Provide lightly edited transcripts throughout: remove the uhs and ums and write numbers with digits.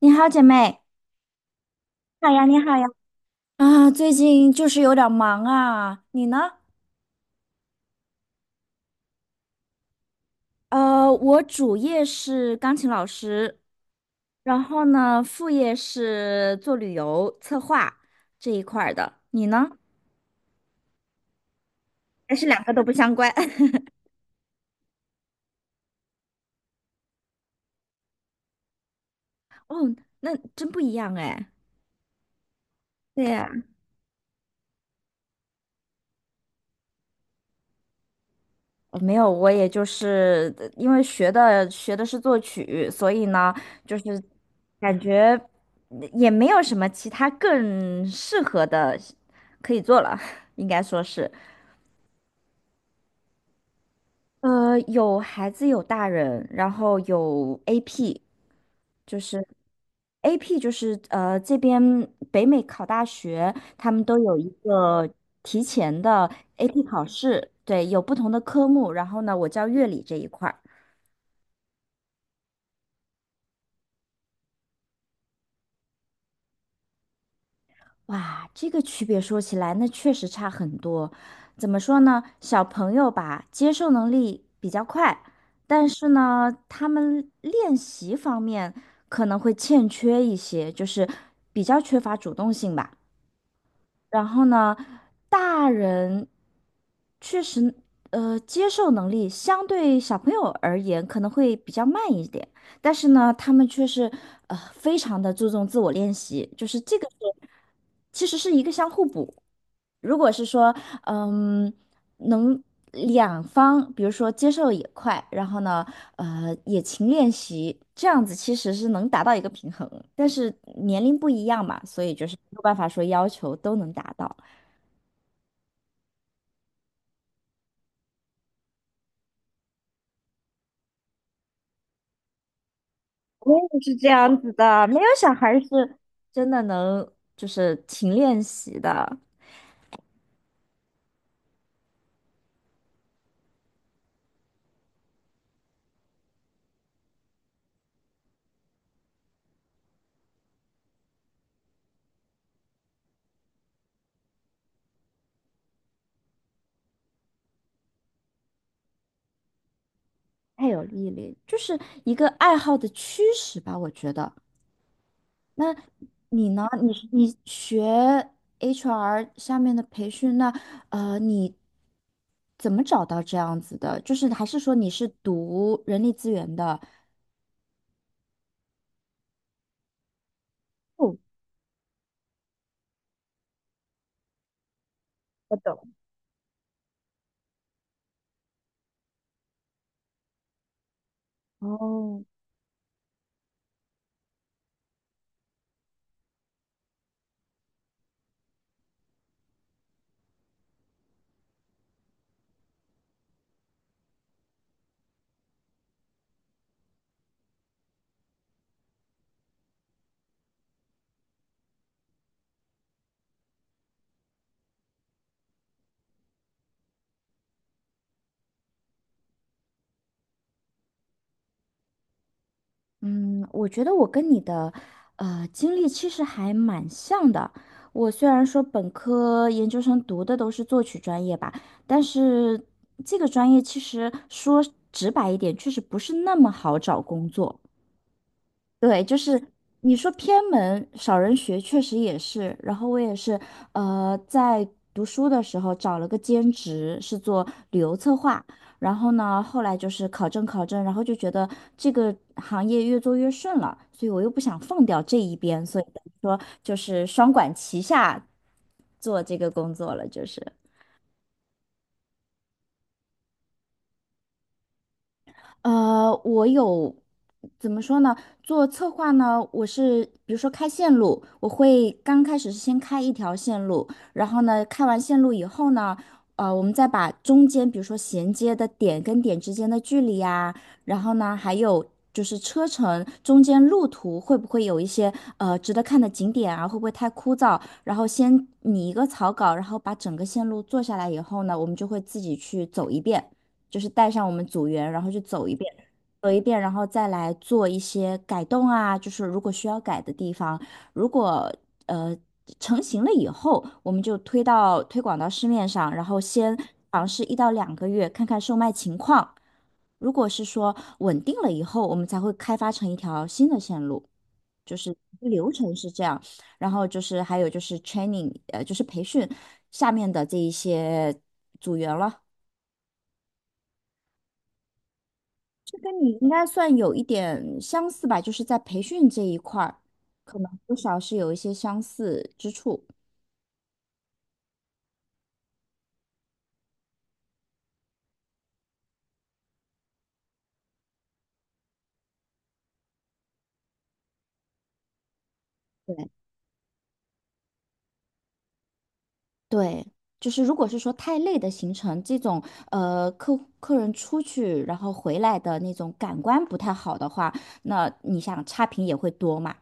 你好，姐妹好呀，你好呀。啊，最近就是有点儿忙啊，你呢？我主业是钢琴老师，然后呢，副业是做旅游策划这一块儿的，你呢？还是两个都不相关？哦，那真不一样哎。对呀。没有，我也就是因为学的是作曲，所以呢，就是感觉也没有什么其他更适合的可以做了，应该说是，有孩子有大人，然后有 AP，就是 AP 就是这边北美考大学，他们都有一个提前的 AP 考试，对，有不同的科目，然后呢，我教乐理这一块。哇，这个区别说起来，那确实差很多。怎么说呢？小朋友吧，接受能力比较快，但是呢，他们练习方面可能会欠缺一些，就是比较缺乏主动性吧。然后呢，大人确实，接受能力相对小朋友而言可能会比较慢一点，但是呢，他们却是非常的注重自我练习，就是这个是其实是一个相互补。如果是说，嗯。能两方，比如说接受也快，然后呢，也勤练习，这样子其实是能达到一个平衡。但是年龄不一样嘛，所以就是没有办法说要求都能达到。我也是这样子的，没有小孩是真的能就是勤练习的，太有毅力，就是一个爱好的驱使吧，我觉得。那你呢？你学 HR 下面的培训，那你怎么找到这样子的？就是还是说你是读人力资源的？哦，我懂。嗯，我觉得我跟你的经历其实还蛮像的。我虽然说本科、研究生读的都是作曲专业吧，但是这个专业其实说直白一点，确实不是那么好找工作。对，就是你说偏门少人学，确实也是。然后我也是，在读书的时候找了个兼职，是做旅游策划。然后呢，后来就是考证考证，然后就觉得这个行业越做越顺了，所以我又不想放掉这一边，所以等于说就是双管齐下做这个工作了，就是。我有怎么说呢？做策划呢，我是比如说开线路，我会刚开始是先开一条线路，然后呢，开完线路以后呢，我们再把中间比如说衔接的点跟点之间的距离呀，然后呢，还有就是车程中间路途会不会有一些值得看的景点啊，会不会太枯燥？然后先拟一个草稿，然后把整个线路做下来以后呢，我们就会自己去走一遍。就是带上我们组员，然后去走一遍，然后再来做一些改动啊，就是如果需要改的地方，如果呃成型了以后，我们就推广到市面上，然后先尝试一到两个月，看看售卖情况。如果是说稳定了以后，我们才会开发成一条新的线路，就是流程是这样。然后就是还有就是 training，就是培训下面的这一些组员了。跟你应该算有一点相似吧，就是在培训这一块儿，可能多少是有一些相似之处。对对，就是如果是说太累的行程，这种客人出去然后回来的那种感官不太好的话，那你想差评也会多嘛。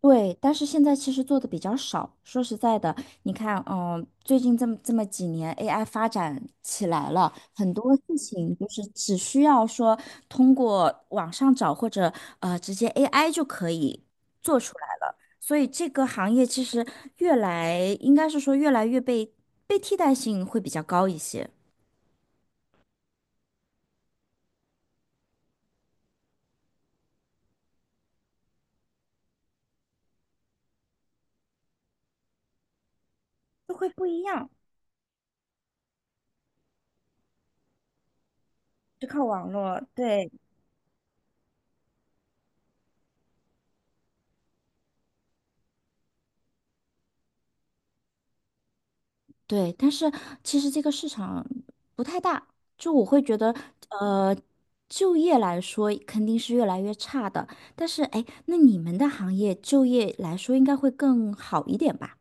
对，但是现在其实做的比较少。说实在的，你看，最近这么几年，AI 发展起来了，很多事情就是只需要说通过网上找或者直接 AI 就可以做出来了。所以这个行业其实越来应该是说越来越被替代性会比较高一些，就会不一样，就靠网络，对。对，但是其实这个市场不太大，就我会觉得，呃，就业来说肯定是越来越差的。但是，哎，那你们的行业就业来说应该会更好一点吧？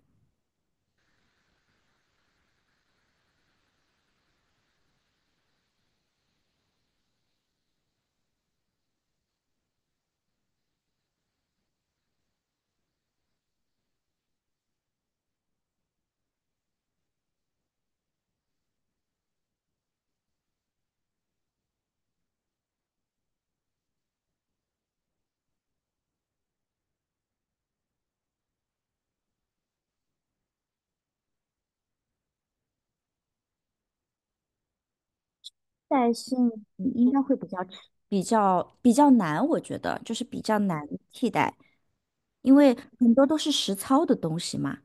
但是你应该会比较难，我觉得就是比较难替代，因为很多都是实操的东西嘛。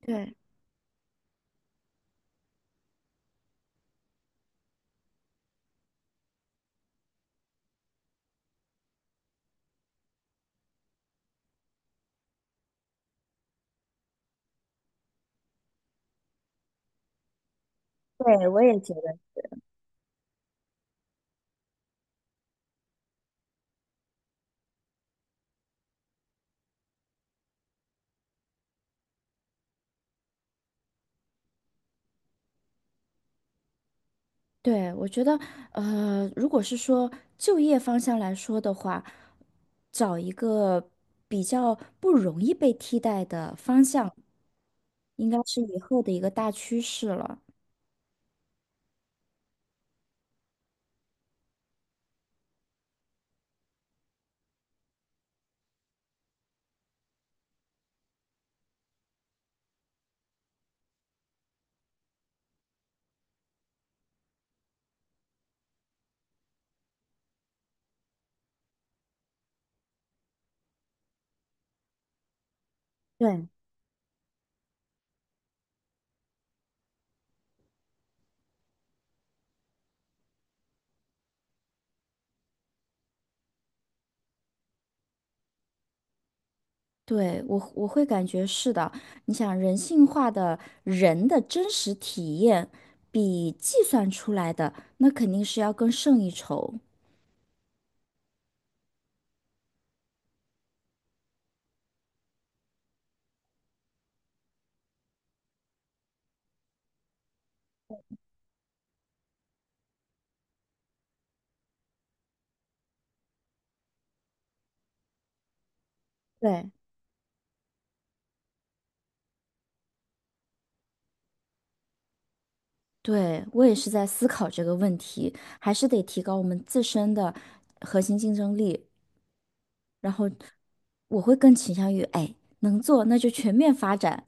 对，对，我也觉得。对，我觉得，如果是说就业方向来说的话，找一个比较不容易被替代的方向，应该是以后的一个大趋势了。对，对，我会感觉是的。你想，人性化的人的真实体验，比计算出来的那肯定是要更胜一筹。对，对，我也是在思考这个问题，还是得提高我们自身的核心竞争力。然后我会更倾向于，哎，能做那就全面发展，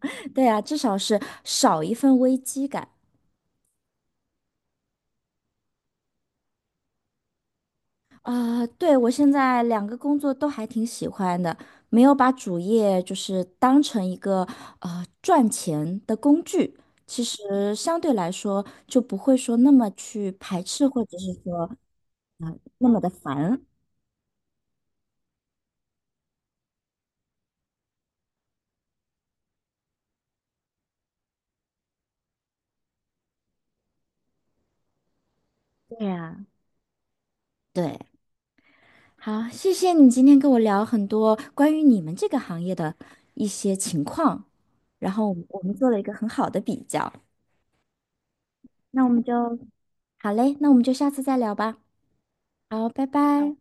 对啊，至少是少一份危机感啊。对，我现在两个工作都还挺喜欢的，没有把主业就是当成一个赚钱的工具，其实相对来说就不会说那么去排斥，或者是说啊、那么的烦。对呀。对。好，谢谢你今天跟我聊很多关于你们这个行业的一些情况，然后我们做了一个很好的比较。那我们就，好嘞，那我们就下次再聊吧。好，拜拜。